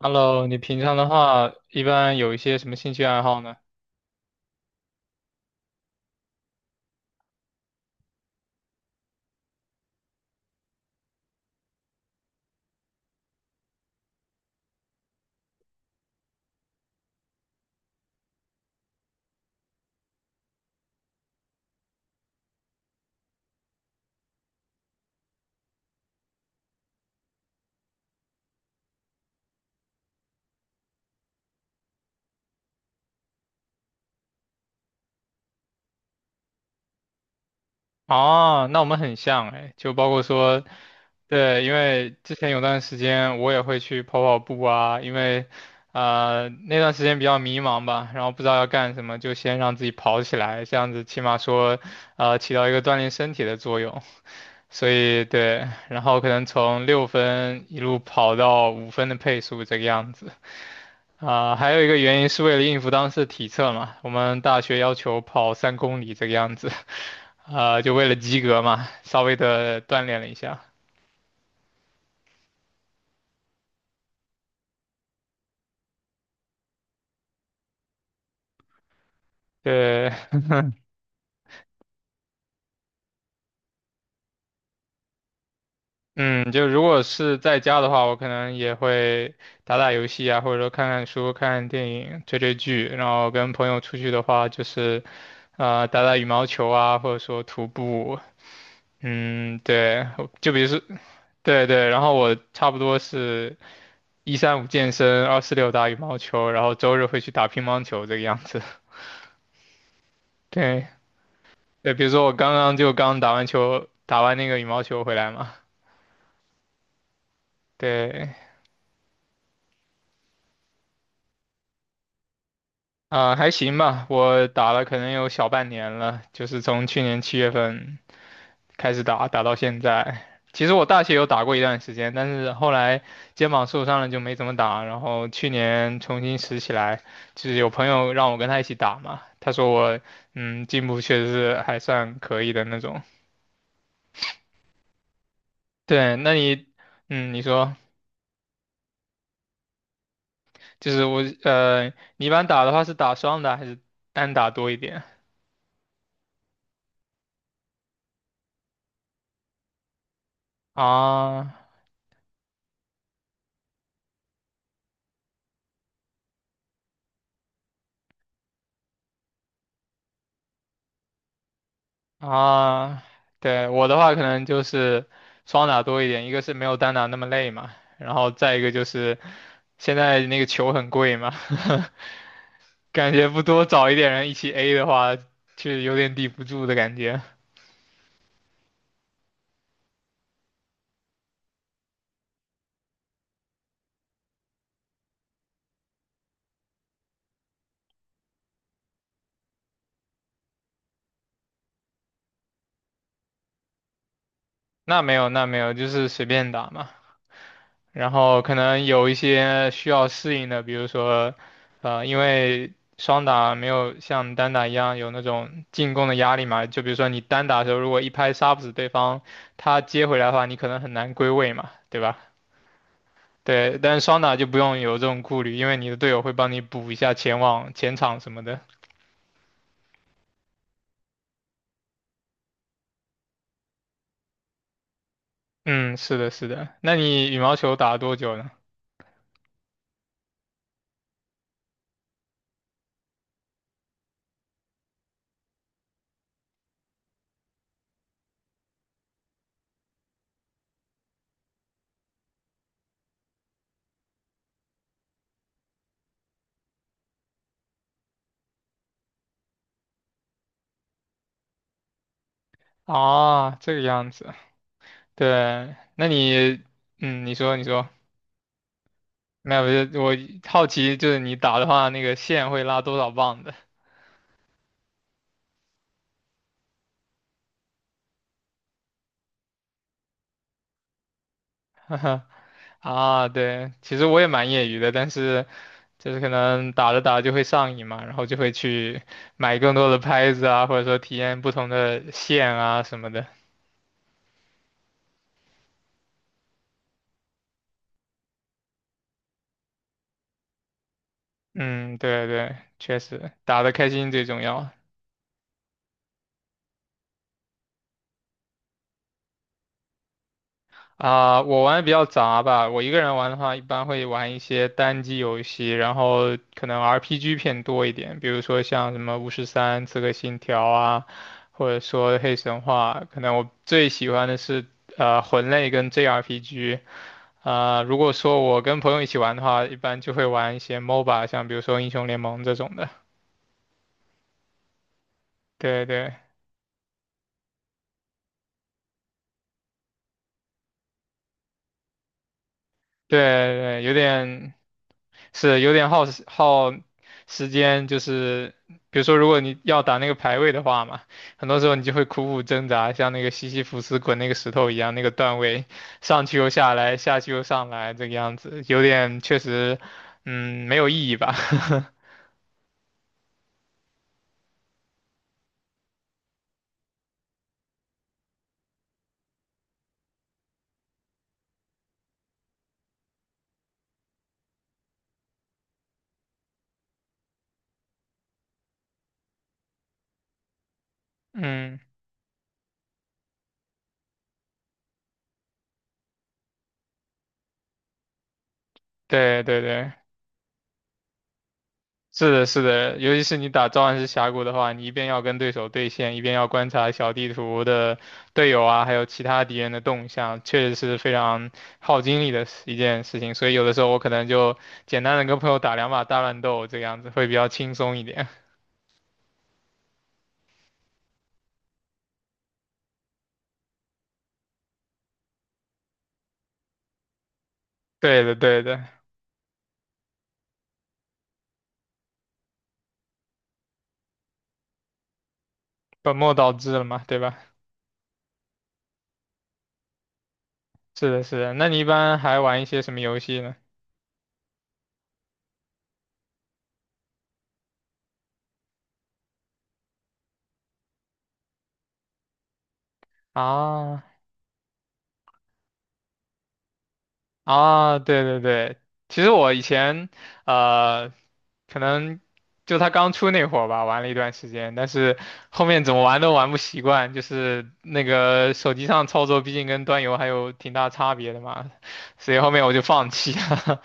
Hello，你平常的话，一般有一些什么兴趣爱好呢？啊，那我们很像哎，就包括说，对，因为之前有段时间我也会去跑跑步啊，因为，那段时间比较迷茫吧，然后不知道要干什么，就先让自己跑起来，这样子起码说，起到一个锻炼身体的作用。所以对，然后可能从6分一路跑到5分的配速这个样子。啊，还有一个原因是为了应付当时的体测嘛，我们大学要求跑3公里这个样子，啊，就为了及格嘛，稍微的锻炼了一下。对，嗯，就如果是在家的话，我可能也会打打游戏啊，或者说看看书、看看电影、追追剧。然后跟朋友出去的话，就是啊，打打羽毛球啊，或者说徒步。嗯，对，就比如说，对对，然后我差不多是一三五健身，二四六打羽毛球，然后周日会去打乒乓球这个样子。对对，比如说我刚刚就刚打完球，打完那个羽毛球回来嘛。对，啊、还行吧，我打了可能有小半年了，就是从去年7月份开始打，打到现在。其实我大学有打过一段时间，但是后来肩膀受伤了就没怎么打，然后去年重新拾起来，就是有朋友让我跟他一起打嘛，他说我进步确实是还算可以的那种。对，那你，你说，就是我，你一般打的话是打双打还是单打多一点？啊啊，对，我的话可能就是双打多一点，一个是没有单打那么累嘛，然后再一个就是现在那个球很贵嘛，感觉不多找一点人一起 A 的话，确实有点抵不住的感觉。那没有，那没有，就是随便打嘛。然后可能有一些需要适应的，比如说，因为双打没有像单打一样有那种进攻的压力嘛，就比如说你单打的时候，如果一拍杀不死对方，他接回来的话，你可能很难归位嘛，对吧？对，但是双打就不用有这种顾虑，因为你的队友会帮你补一下前网、前场什么的。嗯，是的，是的。那你羽毛球打了多久呢？啊，这个样子。对，那你，你说，你说。没有，我好奇就是你打的话，那个线会拉多少磅的 啊？对，其实我也蛮业余的，但是就是可能打着打着就会上瘾嘛，然后就会去买更多的拍子啊，或者说体验不同的线啊什么的。嗯，对对，确实打的开心最重要。啊，我玩的比较杂吧。我一个人玩的话，一般会玩一些单机游戏，然后可能 RPG 偏多一点，比如说像什么《巫师三》《刺客信条》啊，或者说《黑神话》。可能我最喜欢的是魂类跟 JRPG。啊、如果说我跟朋友一起玩的话，一般就会玩一些 MOBA，像比如说《英雄联盟》这种的。对对对对，有点耗时间，就是比如说，如果你要打那个排位的话嘛，很多时候你就会苦苦挣扎，像那个西西弗斯滚那个石头一样，那个段位上去又下来，下去又上来，这个样子有点确实，没有意义吧？嗯，对对对，是的，是的，尤其是你打召唤师峡谷的话，你一边要跟对手对线，一边要观察小地图的队友啊，还有其他敌人的动向，确实是非常耗精力的一件事情。所以有的时候我可能就简单的跟朋友打2把大乱斗，这个样子会比较轻松一点。对的，对的，本末倒置了嘛，对吧？是的，是的。那你一般还玩一些什么游戏呢？啊，啊，对对对，其实我以前呃，可能就他刚出那会儿吧，玩了一段时间，但是后面怎么玩都玩不习惯，就是那个手机上操作毕竟跟端游还有挺大差别的嘛，所以后面我就放弃了，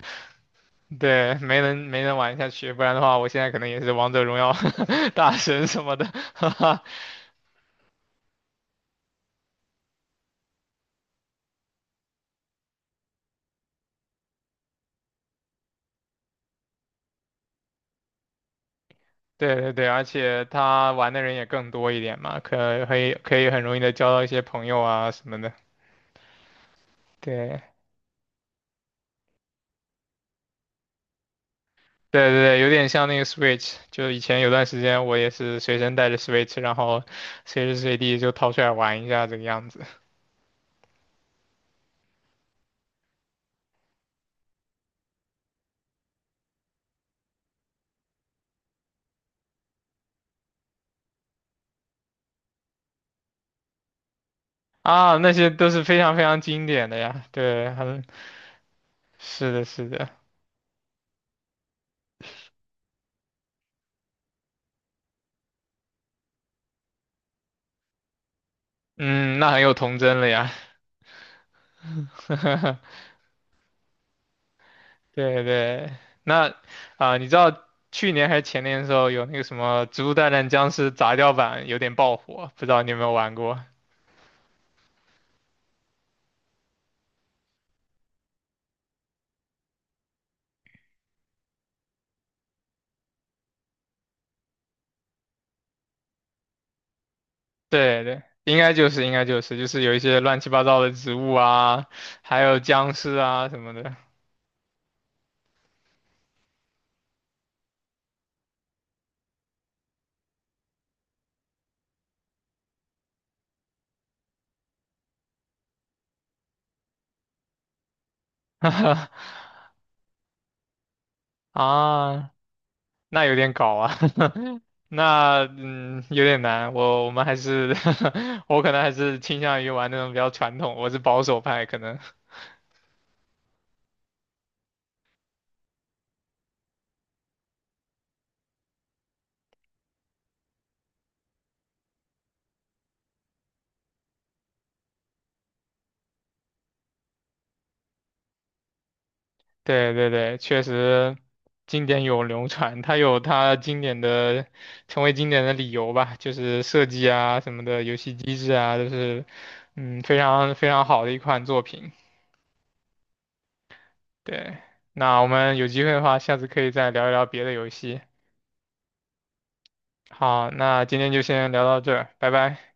对，没能玩下去，不然的话我现在可能也是王者荣耀 大神什么的，对对对，而且他玩的人也更多一点嘛，可以很容易的交到一些朋友啊什么的，对。对对对，有点像那个 Switch，就以前有段时间我也是随身带着 Switch，然后随时随地就掏出来玩一下这个样子。啊，那些都是非常非常经典的呀，对，很，是的，是的，嗯，那很有童真了呀，对对，那啊、你知道去年还是前年的时候有那个什么《植物大战僵尸》杂交版有点爆火，不知道你有没有玩过？对对，应该就是有一些乱七八糟的植物啊，还有僵尸啊什么的，啊，那有点搞啊，那有点难，我们还是 我可能还是倾向于玩那种比较传统，我是保守派可能，对对对，确实经典永流传，它有它经典的成为经典的理由吧，就是设计啊什么的，游戏机制啊，都是非常非常好的一款作品。对，那我们有机会的话，下次可以再聊一聊别的游戏。好，那今天就先聊到这儿，拜拜。